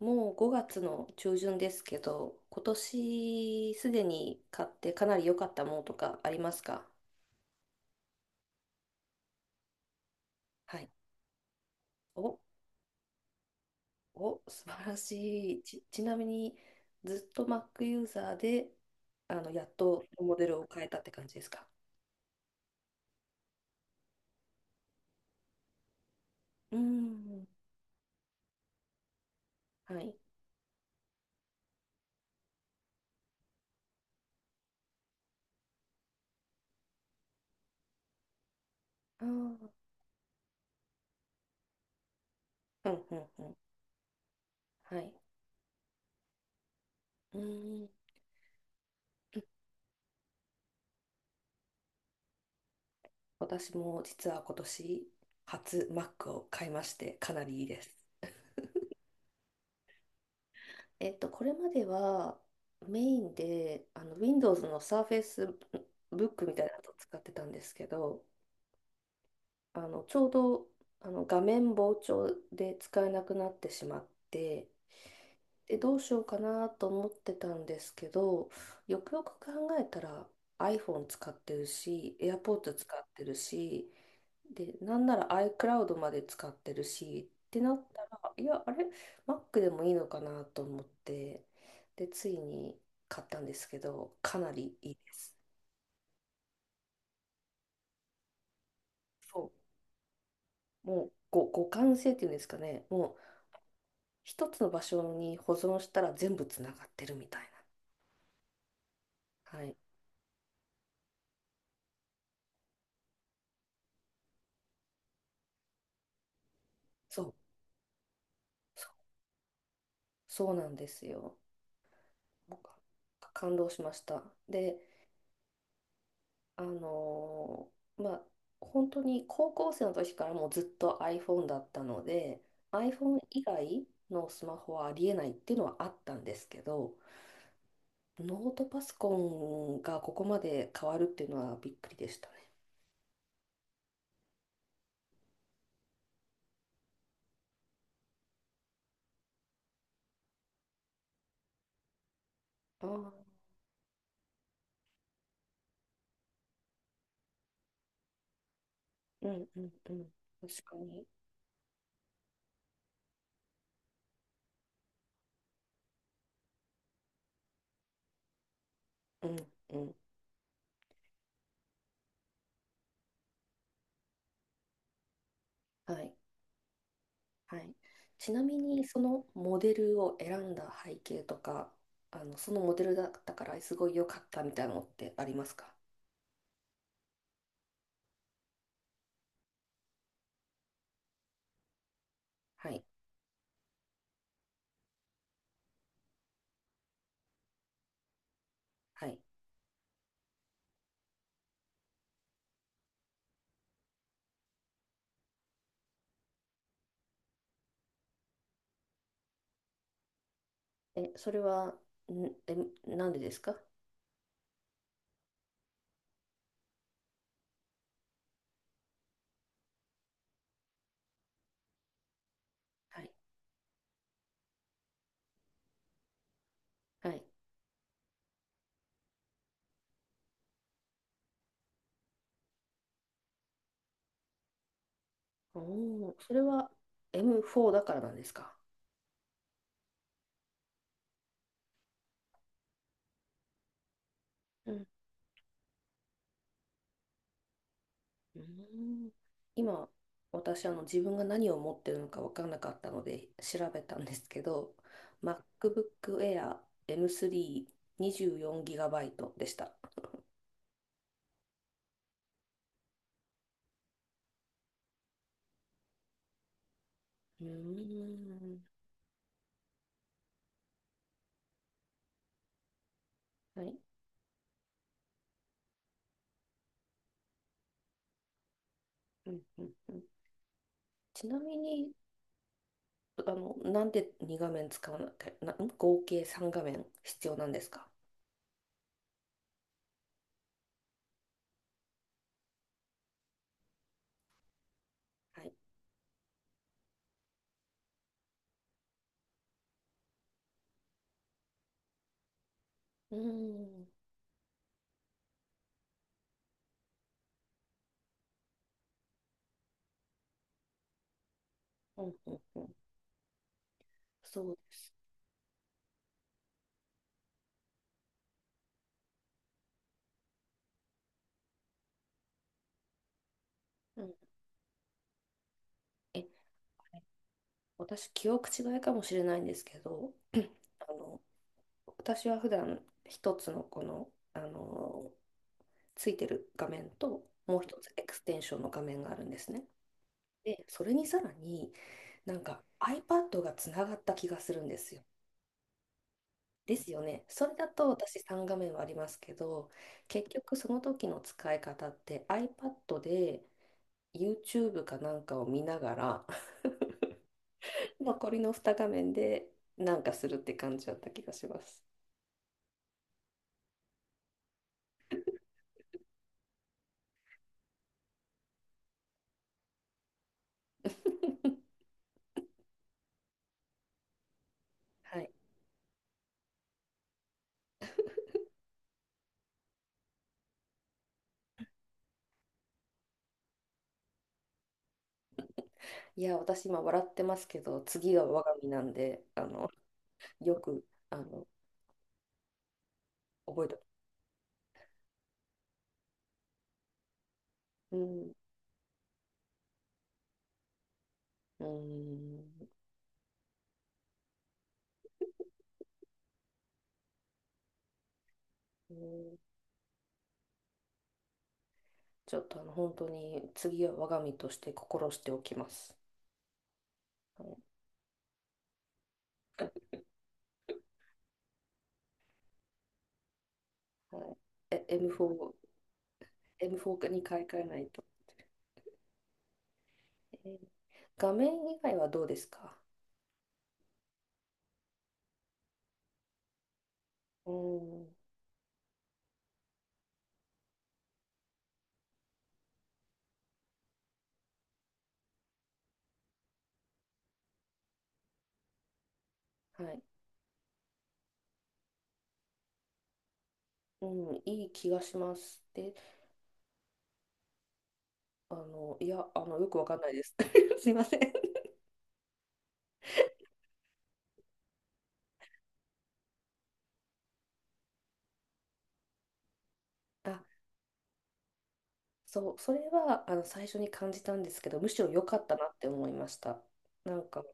もう5月の中旬ですけど、今年すでに買ってかなり良かったものとかありますか？はい。お、お、素晴らしい。ちなみに、ずっと Mac ユーザーで、やっとモデルを変えたって感じですか？うーん。はい。ああ、うん、うん、うん。はい。うーん。私も実は今年、初 Mac を買いまして、かなりいいです。これまではメインでWindows の Surface Book みたいなのを使ってたんですけど、ちょうど画面膨張で使えなくなってしまって、で、どうしようかなと思ってたんですけど、よくよく考えたら iPhone 使ってるし、AirPods 使ってるし、で、なんなら iCloud まで使ってるし、ってなったら、いや、あれ、Mac でもいいのかなと思って、で、ついに買ったんですけど、かなりいいです。そう。もう、互換性っていうんですかね、もう、一つの場所に保存したら全部つながってるみたいな。はい。そう、そう、そうなんですよ。もう感動しました。で、あのまあ、本当に高校生の時からもうずっと iPhone だったので、iPhone 以外のスマホはありえないっていうのはあったんですけど、ノートパソコンがここまで変わるっていうのはびっくりでしたね。ああ、うんうんうん。確かに。うんうん。はい。はい。ちなみに、そのモデルを選んだ背景とか、そのモデルだったからすごい良かったみたいなのってありますか？はい。はい。え、それは、え、なんでですか？はい。はい。おお、それは M4 だからなんですか？うん。うーん、今、私、自分が何を持ってるのか分からなかったので調べたんですけど、MacBook Air M3 2 4イトでした。うーん。はい。うんうんうん。ちなみに、なんで2画面使わなきゃ、合計3画面必要なんですか？はい。うーん。うんうんうん、そうです。うん、え、私、記憶違いかもしれないんですけど、あの、私は普段一つのこの、ついてる画面と、もう一つエクステンションの画面があるんですね。で、それにさらになんか iPad がつながった気がするんですよ。ですよね。それだと私3画面はありますけど、結局その時の使い方って iPad で YouTube かなんかを見ながら残りの2画面でなんかするって感じだった気がします。はい、いや、私今笑ってますけど、次が我が身なんで、よく、あの、覚えておく。うん、うん、うん、ちょっと本当に次は我が身として心しておきます。はい、はい、え、M4、M4 に買い替えないと。えー画面以外はどうですか？うん、はい、うん、いい気がします。で、いや、よくわかんないです。すいません。あ、そう、それは、最初に感じたんですけど、むしろ良かったなって思いました。なんか、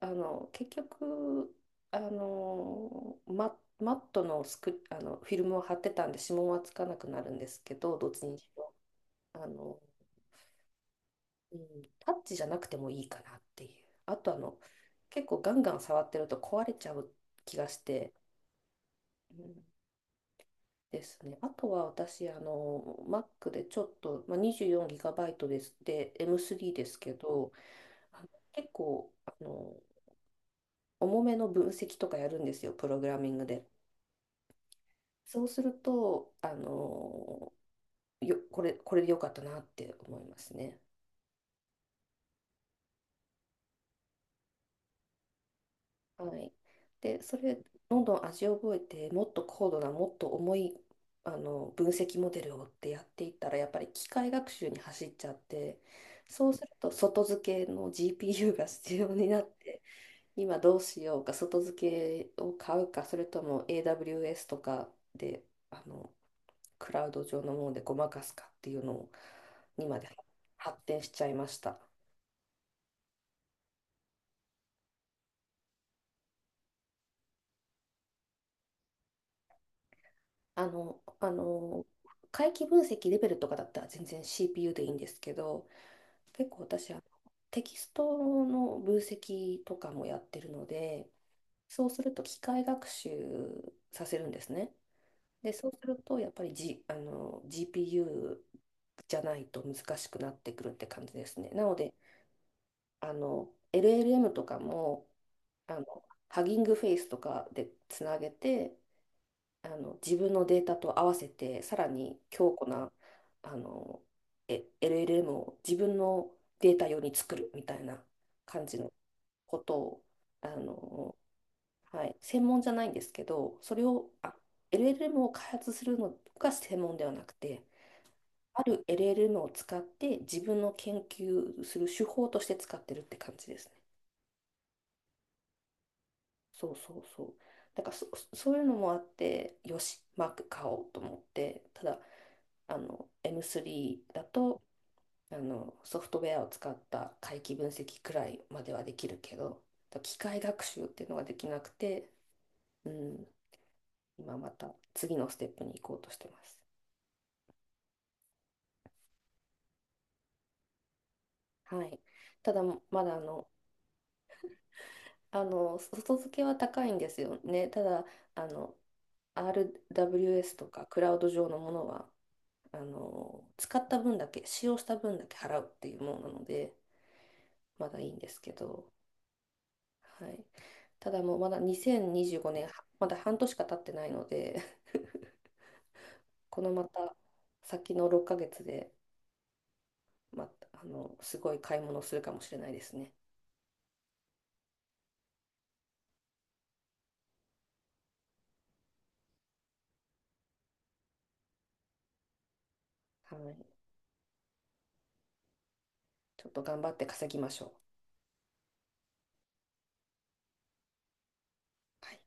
結局、マットのスク、あの、フィルムを貼ってたんで、指紋はつかなくなるんですけど、どっちにしろ、あの、うん、タッチじゃなくてもいいかなっていう。あと、結構ガンガン触ってると壊れちゃう気がして、うんですね。あとは私、Mac でちょっと、まあ、24GB です。で、M3 ですけど、結構、重めの分析とかやるんですよ、プログラミングで。そうすると、これで良かったなって思いますね。はい。で、それ、どんどん味を覚えて、もっと高度な、もっと重い、分析モデルをってやっていったら、やっぱり機械学習に走っちゃって、そうすると外付けの GPU が必要になって、今どうしようか、外付けを買うか、それとも AWS とかで、あの、クラウド上のものでごまかすかっていうのにまで発展しちゃいました。あの、あの、回帰分析レベルとかだったら全然 CPU でいいんですけど、結構私、テキストの分析とかもやってるので、そうすると機械学習させるんですね。で、そうするとやっぱり、G、あの GPU じゃないと難しくなってくるって感じですね。なので、LLM とかもあのハギングフェイスとかでつなげて自分のデータと合わせてさらに強固なあのえ LLM を自分のデータ用に作るみたいな感じのことをあの、はい、専門じゃないんですけどそれをLLM を開発するのが専門ではなくてある LLM を使って自分の研究する手法として使ってるって感じですね。そうそうそう。だからそういうのもあってよしマーク買おうと思ってた。だ、M3 だとソフトウェアを使った回帰分析くらいまではできるけど機械学習っていうのができなくて、うん、今また次のステップに行こうとしてます。はい、ただまだ外付けは高いんですよね。ただあの RWS とかクラウド上のものは使った分だけ使用した分だけ払うっていうものなのでまだいいんですけど。はい。ただもうまだ2025年、はまだ半年しか経ってないので、このまた先の6ヶ月で、また、すごい買い物をするかもしれないですね。はい。ちょっと頑張って稼ぎましょう。はい